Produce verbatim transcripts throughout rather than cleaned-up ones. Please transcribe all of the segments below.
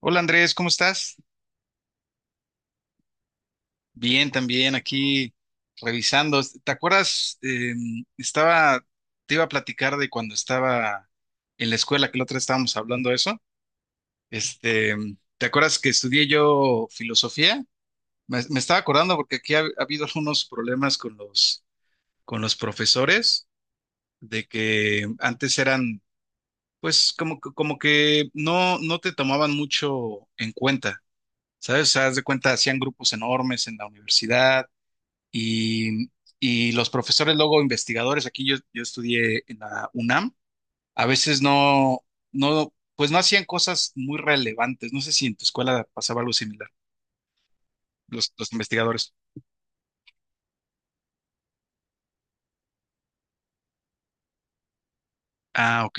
Hola Andrés, ¿cómo estás? Bien, también aquí revisando. ¿Te acuerdas? eh, estaba, Te iba a platicar de cuando estaba en la escuela, que la otra vez estábamos hablando de eso. Este, ¿Te acuerdas que estudié yo filosofía? Me, me estaba acordando porque aquí ha, ha habido algunos problemas con los, con los profesores, de que antes eran, pues, como, que- como que no, no te tomaban mucho en cuenta. ¿Sabes? O sea, haz de cuenta, hacían grupos enormes en la universidad. Y, y los profesores, luego investigadores, aquí yo, yo estudié en la UNAM, a veces no, no, pues no hacían cosas muy relevantes. No sé si en tu escuela pasaba algo similar, los, los investigadores. Ah, ok.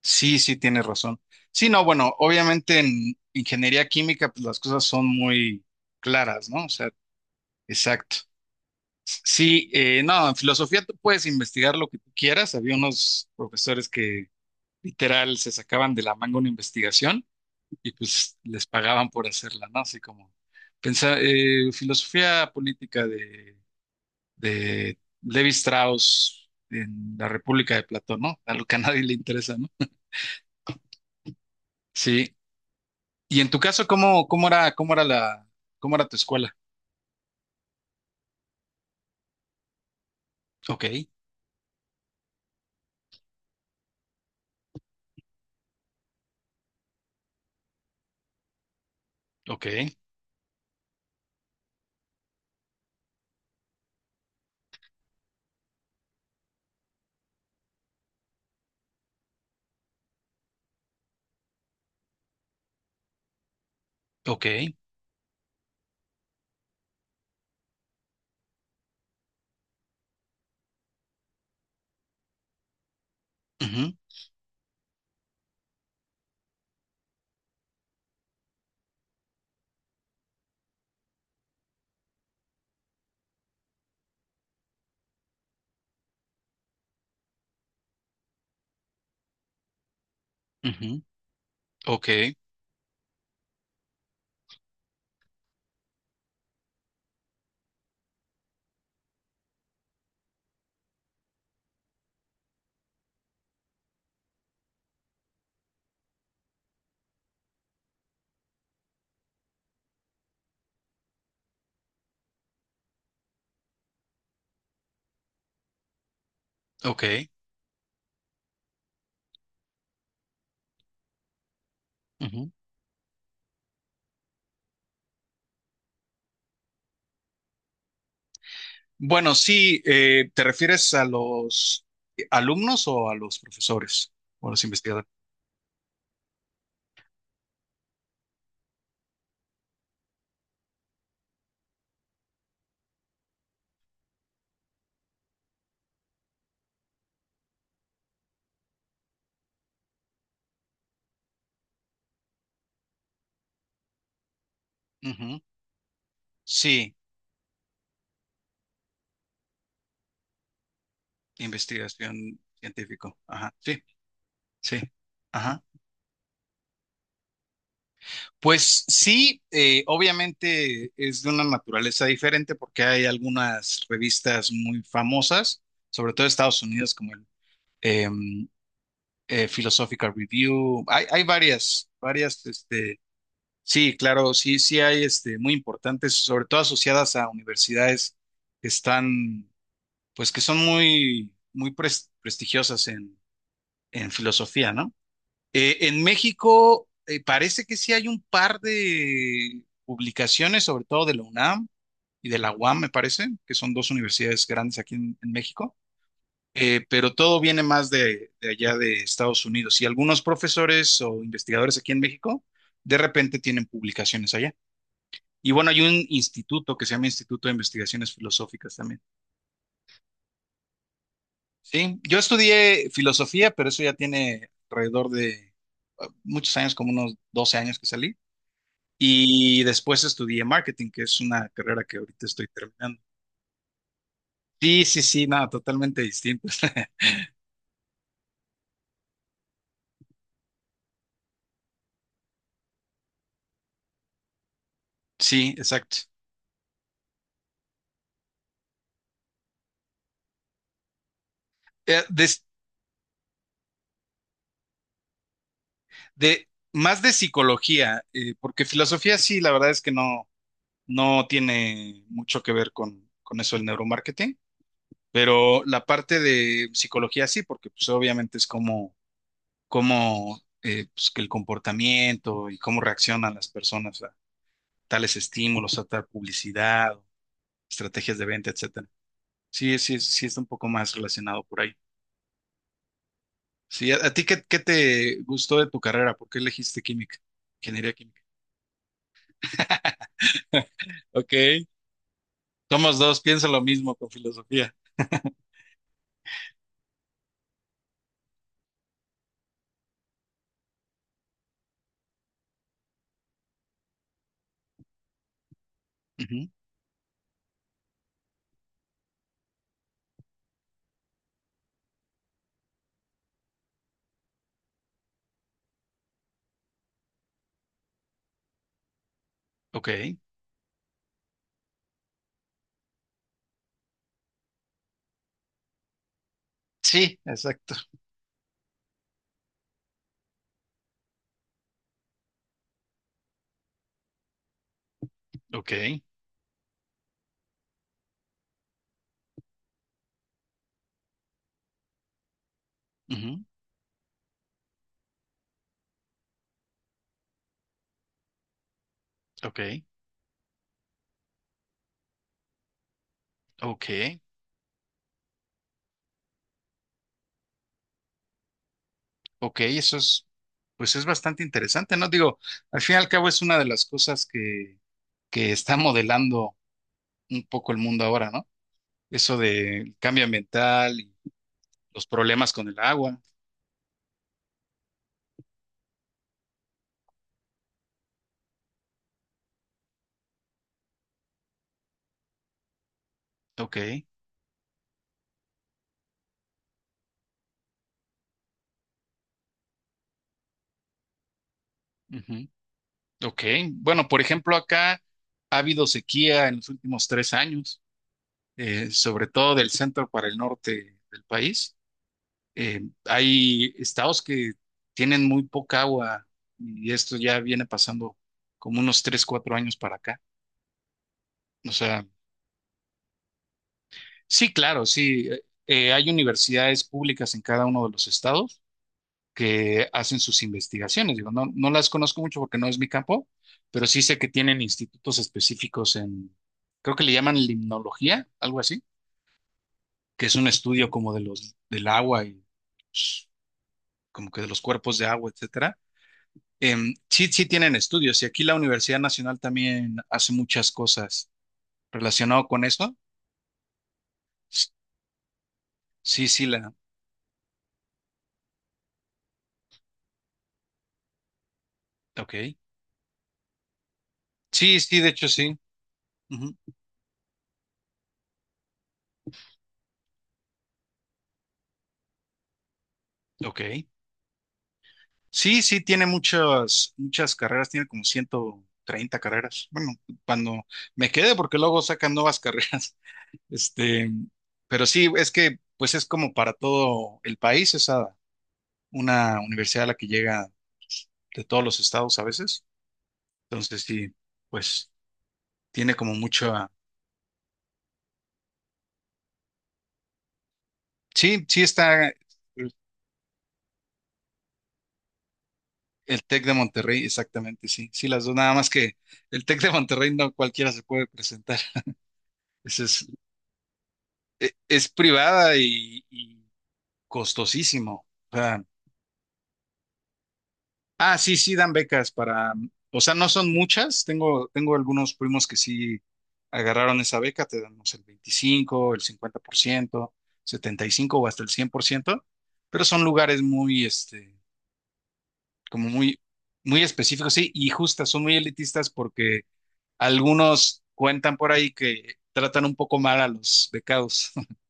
Sí, sí, tienes razón. Sí, no, bueno, obviamente en ingeniería química, pues las cosas son muy claras, ¿no? O sea, exacto. Sí, eh, no, en filosofía tú puedes investigar lo que tú quieras. Había unos profesores que literal se sacaban de la manga una investigación y pues les pagaban por hacerla, ¿no? Así como pensar, eh, filosofía política de, de Levi Strauss en la República de Platón, ¿no? A lo que a nadie le interesa, ¿no? Sí. Y en tu caso, ¿cómo, cómo era, cómo era la, cómo era tu escuela? Ok, ok, ok, ujú, ujú, ok, ok, ujú. Bueno, sí, eh, ¿te refieres a los alumnos o a los profesores o a los investigadores? Ujú. Sí. Investigación científico. Ajá. Sí, sí. Ajá. Pues sí, eh, obviamente es de una naturaleza diferente porque hay algunas revistas muy famosas, sobre todo de Estados Unidos, como el em, eh, Philosophical Review. Hay, hay varias, varias, este, sí, claro, sí, sí hay, este, muy importantes, sobre todo asociadas a universidades que están, pues que son muy, muy pres- prestigiosas en, en filosofía, ¿no? Eh, en México eh, parece que sí hay un par de publicaciones, sobre todo de la UNAM y de la UAM, me parece, que son dos universidades grandes aquí en, en México. Eh, pero todo viene más de, de allá de Estados Unidos, y algunos profesores o investigadores aquí en México de repente tienen publicaciones allá. Y bueno, hay un instituto que se llama Instituto de Investigaciones Filosóficas también. Sí, yo estudié filosofía, pero eso ya tiene alrededor de eh, muchos años, como unos doce años que salí. Y después estudié marketing, que es una carrera que ahorita estoy terminando. Sí, sí, sí, nada, totalmente distinto. Sí, exacto. Eh, des- de, Más de psicología, eh, porque filosofía sí, la verdad es que no, no tiene mucho que ver con, con eso del neuromarketing, pero la parte de psicología sí, porque pues obviamente es como, como eh, pues, que el comportamiento y cómo reaccionan las personas a tales estímulos, a tal publicidad, estrategias de venta, etcétera. Sí, sí, sí está un poco más relacionado por ahí. Sí, ¿a, a ti qué, qué te gustó de tu carrera? ¿Por qué elegiste química? Ingeniería química. Ok. Somos dos, piensa lo mismo con filosofía. Ujú. Ok. Sí, exacto. Ok. Ujú. Ok. Ok. Ok. Eso es, pues es bastante interesante, ¿no? Digo, al fin y al cabo es una de las cosas que, que está modelando un poco el mundo ahora, ¿no? Eso del cambio ambiental y los problemas con el agua. Ok. Ujú. Ok, bueno, por ejemplo, acá ha habido sequía en los últimos tres años, eh, sobre todo del centro para el norte del país. Eh, hay estados que tienen muy poca agua y esto ya viene pasando como unos tres, cuatro años para acá. O sea, sí, claro, sí, eh, eh, hay universidades públicas en cada uno de los estados que hacen sus investigaciones. Digo, no, no las conozco mucho porque no es mi campo, pero sí sé que tienen institutos específicos en, creo que le llaman limnología, algo así, que es un estudio como de los, del agua y pues, como que de los cuerpos de agua, etcétera. Em, sí, sí tienen estudios y aquí la Universidad Nacional también hace muchas cosas relacionado con esto. Sí, sí, la, ok. Sí, sí, de hecho sí. Ujú. Ok. Sí, sí, tiene muchas, muchas carreras, tiene como ciento treinta carreras. Bueno, cuando me quede, porque luego sacan nuevas carreras. Este, pero sí, es que pues es como para todo el país, es a- una universidad a la que llega de todos los estados a veces. Entonces sí, pues tiene como mucho. a- Sí, sí está el, el TEC de Monterrey, exactamente, sí. Sí, las dos, nada más que el TEC de Monterrey no cualquiera se puede presentar. Ese es, e- es privada y costosísimo. O sea, ah, sí, sí dan becas para, o sea, no son muchas. Tengo, tengo algunos primos que sí agarraron esa beca, te damos el veinticinco, el cincuenta por ciento, setenta y cinco o hasta el cien por ciento, pero son lugares muy, este, como muy, muy específicos, sí, y justas, son muy elitistas porque algunos cuentan por ahí que tratan un poco mal a los becados.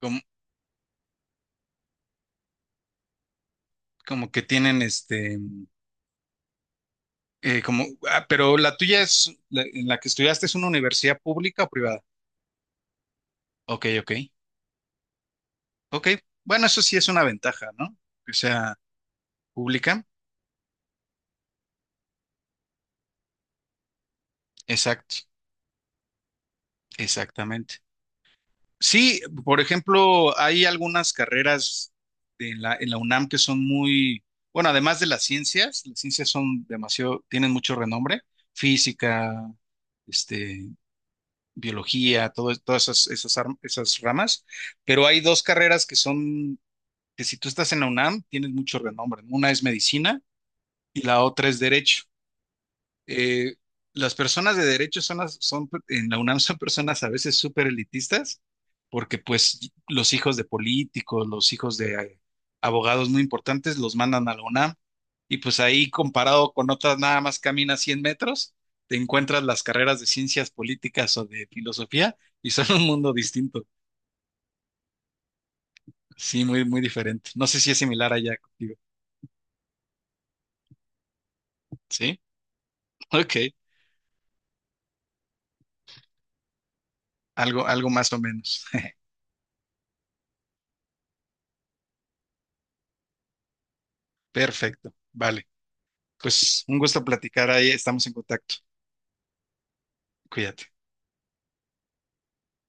Como, como que tienen, este Eh, como, ah, ¿pero la tuya es, la- en la que estudiaste es una universidad pública o privada? Ok, ok. Ok, bueno, eso sí es una ventaja, ¿no? Que sea pública. Exacto, exactamente. Sí, por ejemplo, hay algunas carreras en la, en la, UNAM que son muy, bueno, además de las ciencias, las ciencias son demasiado, tienen mucho renombre, física, este, biología, todo- todas esas, esas, ar- esas ramas, pero hay dos carreras que son, que si tú estás en la UNAM, tienes mucho renombre, ¿no? Una es medicina y la otra es derecho. Eh, las personas de derecho son, las- son en la UNAM, son personas a veces súper elitistas, porque pues los hijos de políticos, los hijos de eh, abogados muy importantes los mandan a la UNAM, y pues ahí comparado con otras nada más caminas cien metros, te encuentras las carreras de ciencias políticas o de filosofía y son un mundo distinto. Sí, muy, muy diferente. No sé si es similar allá contigo. Sí, ok. Algo, algo más o menos. Perfecto. Vale. Pues un gusto platicar ahí. Estamos en contacto. Cuídate.